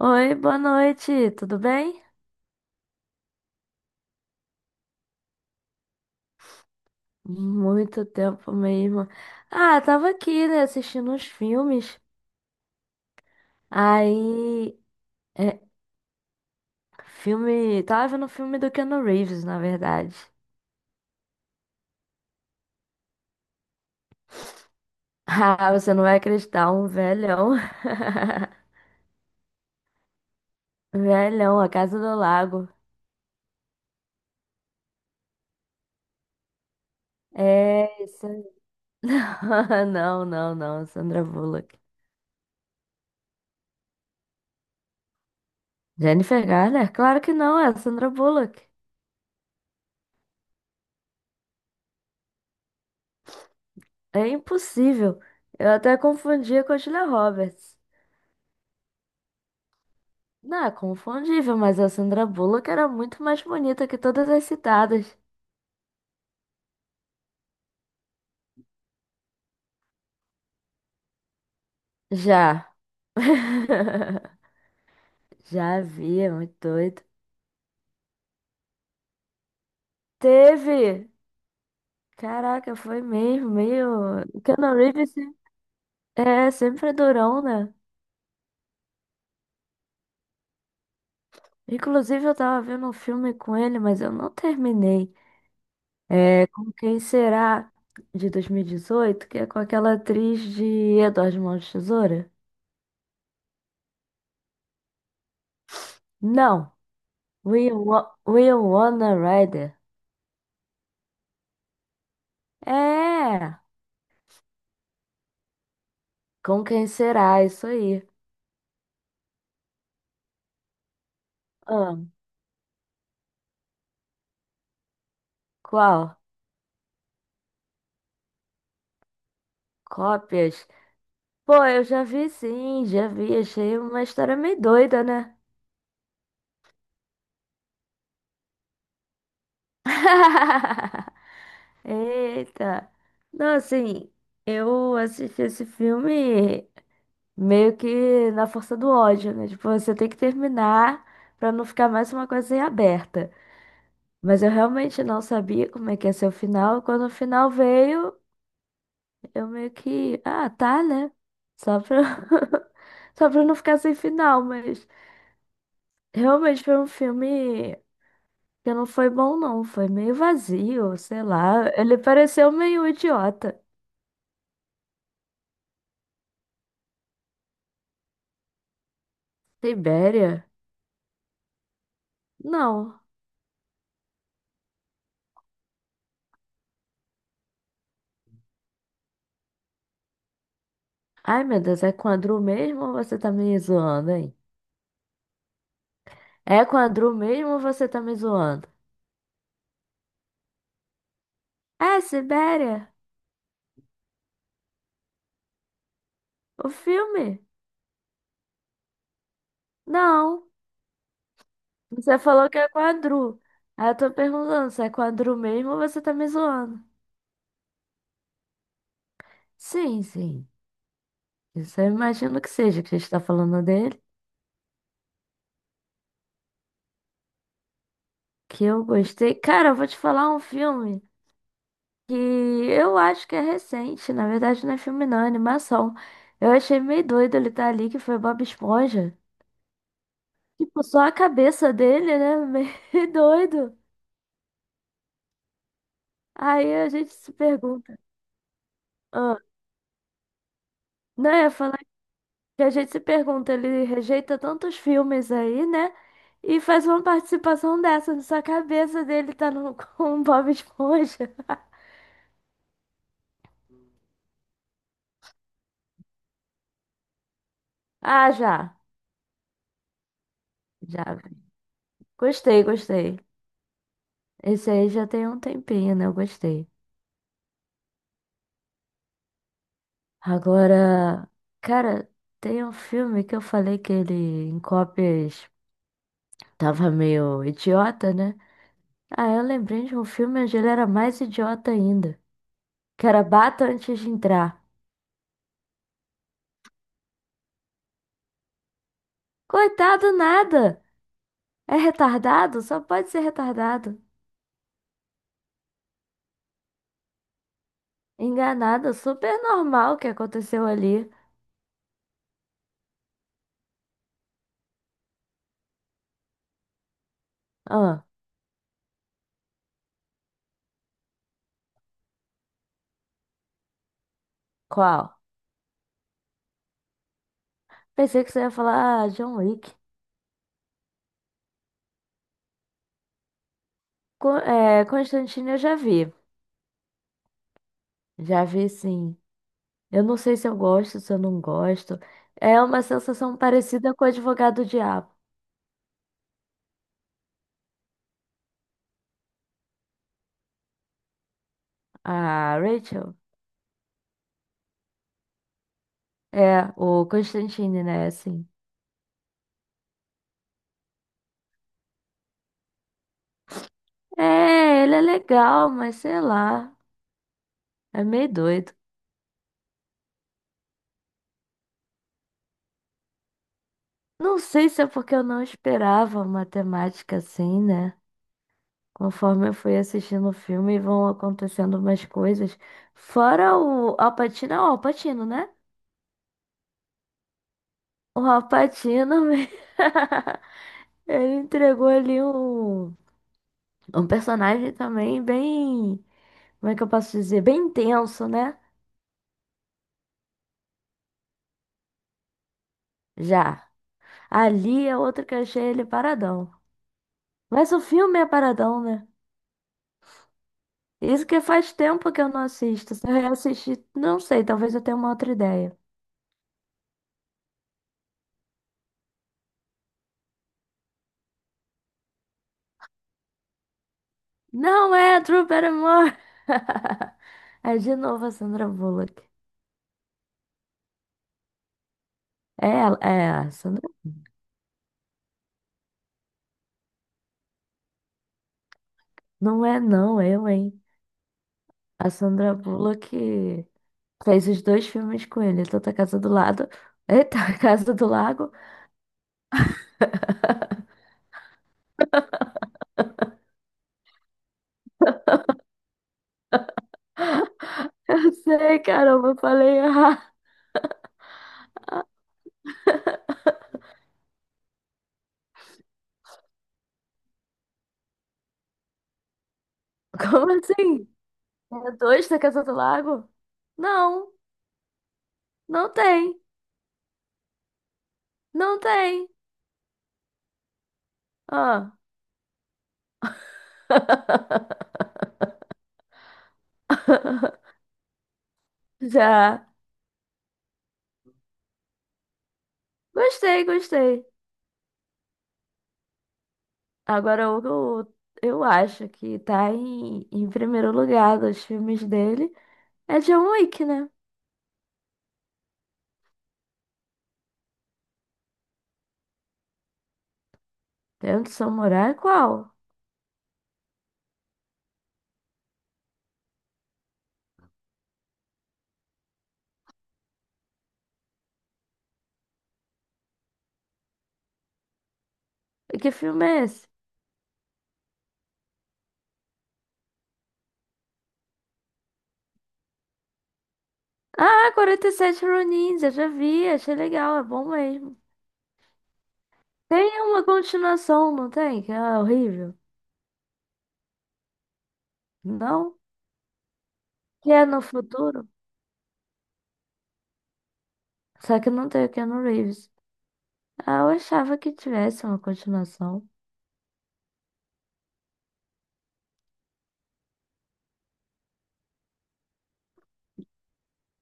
Oi, boa noite, tudo bem? Muito tempo mesmo. Ah, tava aqui, né, assistindo uns filmes. Aí, é, filme, tava vendo o filme do Keanu Reeves, na verdade. Ah, você não vai acreditar, um velhão. Velhão, A Casa do Lago. É, isso. Aí. Não, não, não, Sandra Bullock. Jennifer Garner? Claro que não, é a Sandra Bullock. É impossível. Eu até confundia com a Julia Roberts. Não, é confundível, mas a Sandra Bullock era muito mais bonita que todas as citadas. Já. Já vi, é muito doido. Teve! Caraca, foi mesmo, meio. O Keanu Reeves é sempre durão, né? Inclusive, eu tava vendo um filme com ele, mas eu não terminei. É Com Quem Será, de 2018, que é com aquela atriz de Edward Mãos de Tesoura? Não! We Wanna Rider. É! Com quem será? Isso aí. Ah, qual? Cópias? Pô, eu já vi sim, já vi. Achei uma história meio doida, né? Eita. Não, assim, eu assisti esse filme meio que na força do ódio, né? Tipo, você tem que terminar pra não ficar mais uma coisa em aberta. Mas eu realmente não sabia como é que ia ser o final. Quando o final veio. Eu meio que, ah, tá, né? Só pra, só pra não ficar sem final, mas realmente foi um filme que não foi bom, não. Foi meio vazio, sei lá. Ele pareceu meio idiota. Sibéria? Não. Ai, meu Deus, é com a Drew mesmo ou você tá me zoando, hein? É com a Drew mesmo ou você tá me zoando? É, Sibéria? O filme? Não. Você falou que é com a Drew. Aí eu tô perguntando se é com a Drew mesmo ou você tá me zoando. Sim, sim. Isso eu imagino que seja, que a gente tá falando dele, que eu gostei. Cara, eu vou te falar um filme que eu acho que é recente, na verdade não é filme não, é animação. Eu achei meio doido ele estar ali, que foi Bob Esponja. Tipo, só a cabeça dele, né? Meio doido. Aí a gente se pergunta. Ah, não, eu ia falar que a gente se pergunta, ele rejeita tantos filmes aí, né? E faz uma participação dessa, só a cabeça dele tá no, com o Bob Esponja. Ah, já. Já. Gostei, gostei. Esse aí já tem um tempinho, né? Eu gostei. Agora, cara, tem um filme que eu falei que ele em cópias tava meio idiota, né? Ah, eu lembrei de um filme onde ele era mais idiota ainda. Que era Bata antes de entrar. Coitado, nada! É retardado? Só pode ser retardado. Enganado, super normal o que aconteceu ali. Ah, qual? Pensei que você ia falar ah, John Wick. Constantine eu já vi. Já vi sim. Eu não sei se eu gosto, se eu não gosto. É uma sensação parecida com o advogado diabo. A Rachel? É, o Constantine, né? Assim. É, ele é legal, mas sei lá. É meio doido. Não sei se é porque eu não esperava uma temática assim, né? Conforme eu fui assistindo o filme, vão acontecendo umas coisas. Fora o Al Pacino, é o Al Pacino, né? O Al Pacino, ele entregou ali um. Um personagem também bem, como é que eu posso dizer? Bem intenso, né? Já. Ali é outro que eu achei ele paradão. Mas o filme é paradão, né? Isso que faz tempo que eu não assisto. Se eu reassistir, não sei, talvez eu tenha uma outra ideia. Não é a Drew Barrymore! É de novo a Sandra Bullock. É, ela- é a Sandra. Não é, não, eu, hein? A Sandra Bullock fez os dois filmes com ele, tanto a Casa do Lado. Eita, a Casa do Lago. Eu sei, caramba, eu falei, ah, como assim? É dois da Casa do Lago? Não, não tem, não tem. Ah. Já. Gostei, gostei. Agora o que eu acho que tá em primeiro lugar dos filmes dele é John Wick, né? Dentro do Samurai, qual? E que filme é esse? Ah, 47 Ronins, eu já vi, achei legal, é bom mesmo. Tem uma continuação, não tem? Que é horrível. Não? Que é no futuro? Só que não tem o Keanu Reeves. Ah, eu achava que tivesse uma continuação.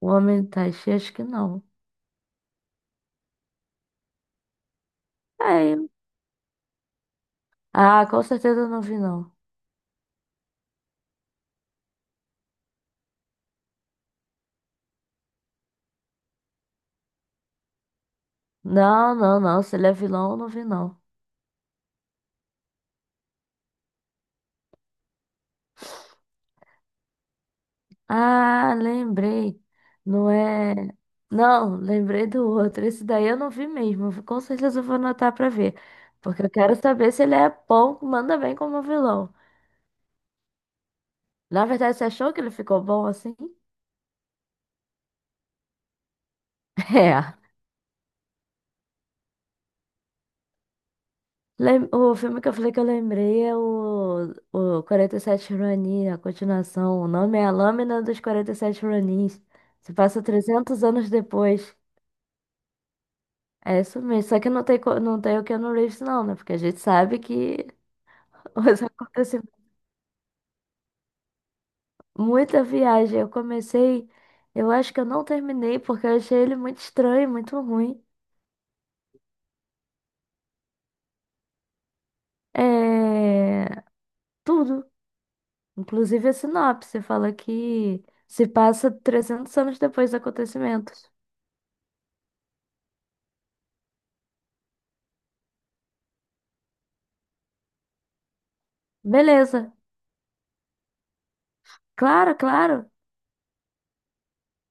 O Homem do Taishi, acho que não. Aí. Ah, com certeza eu não vi, não. Não, não, não. Se ele é vilão, eu não vi, não. Ah, lembrei. Não é. Não, lembrei do outro. Esse daí eu não vi mesmo. Com certeza eu vou anotar pra ver. Porque eu quero saber se ele é bom, manda bem como vilão. Na verdade, você achou que ele ficou bom assim? É. O filme que eu falei que eu lembrei é o 47 Ronin, a continuação. O nome é A Lâmina dos 47 Ronins. Se passa 300 anos depois. É isso mesmo. Só que não tem, não tem o Keanu Reeves, não, né? Porque a gente sabe que os acontecimentos. Muita viagem. Eu comecei. Eu acho que eu não terminei porque eu achei ele muito estranho, muito ruim. É. Tudo. Inclusive a sinopse fala que se passa 300 anos depois dos acontecimentos. Beleza. Claro, claro.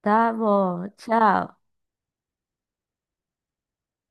Tá bom. Tchau.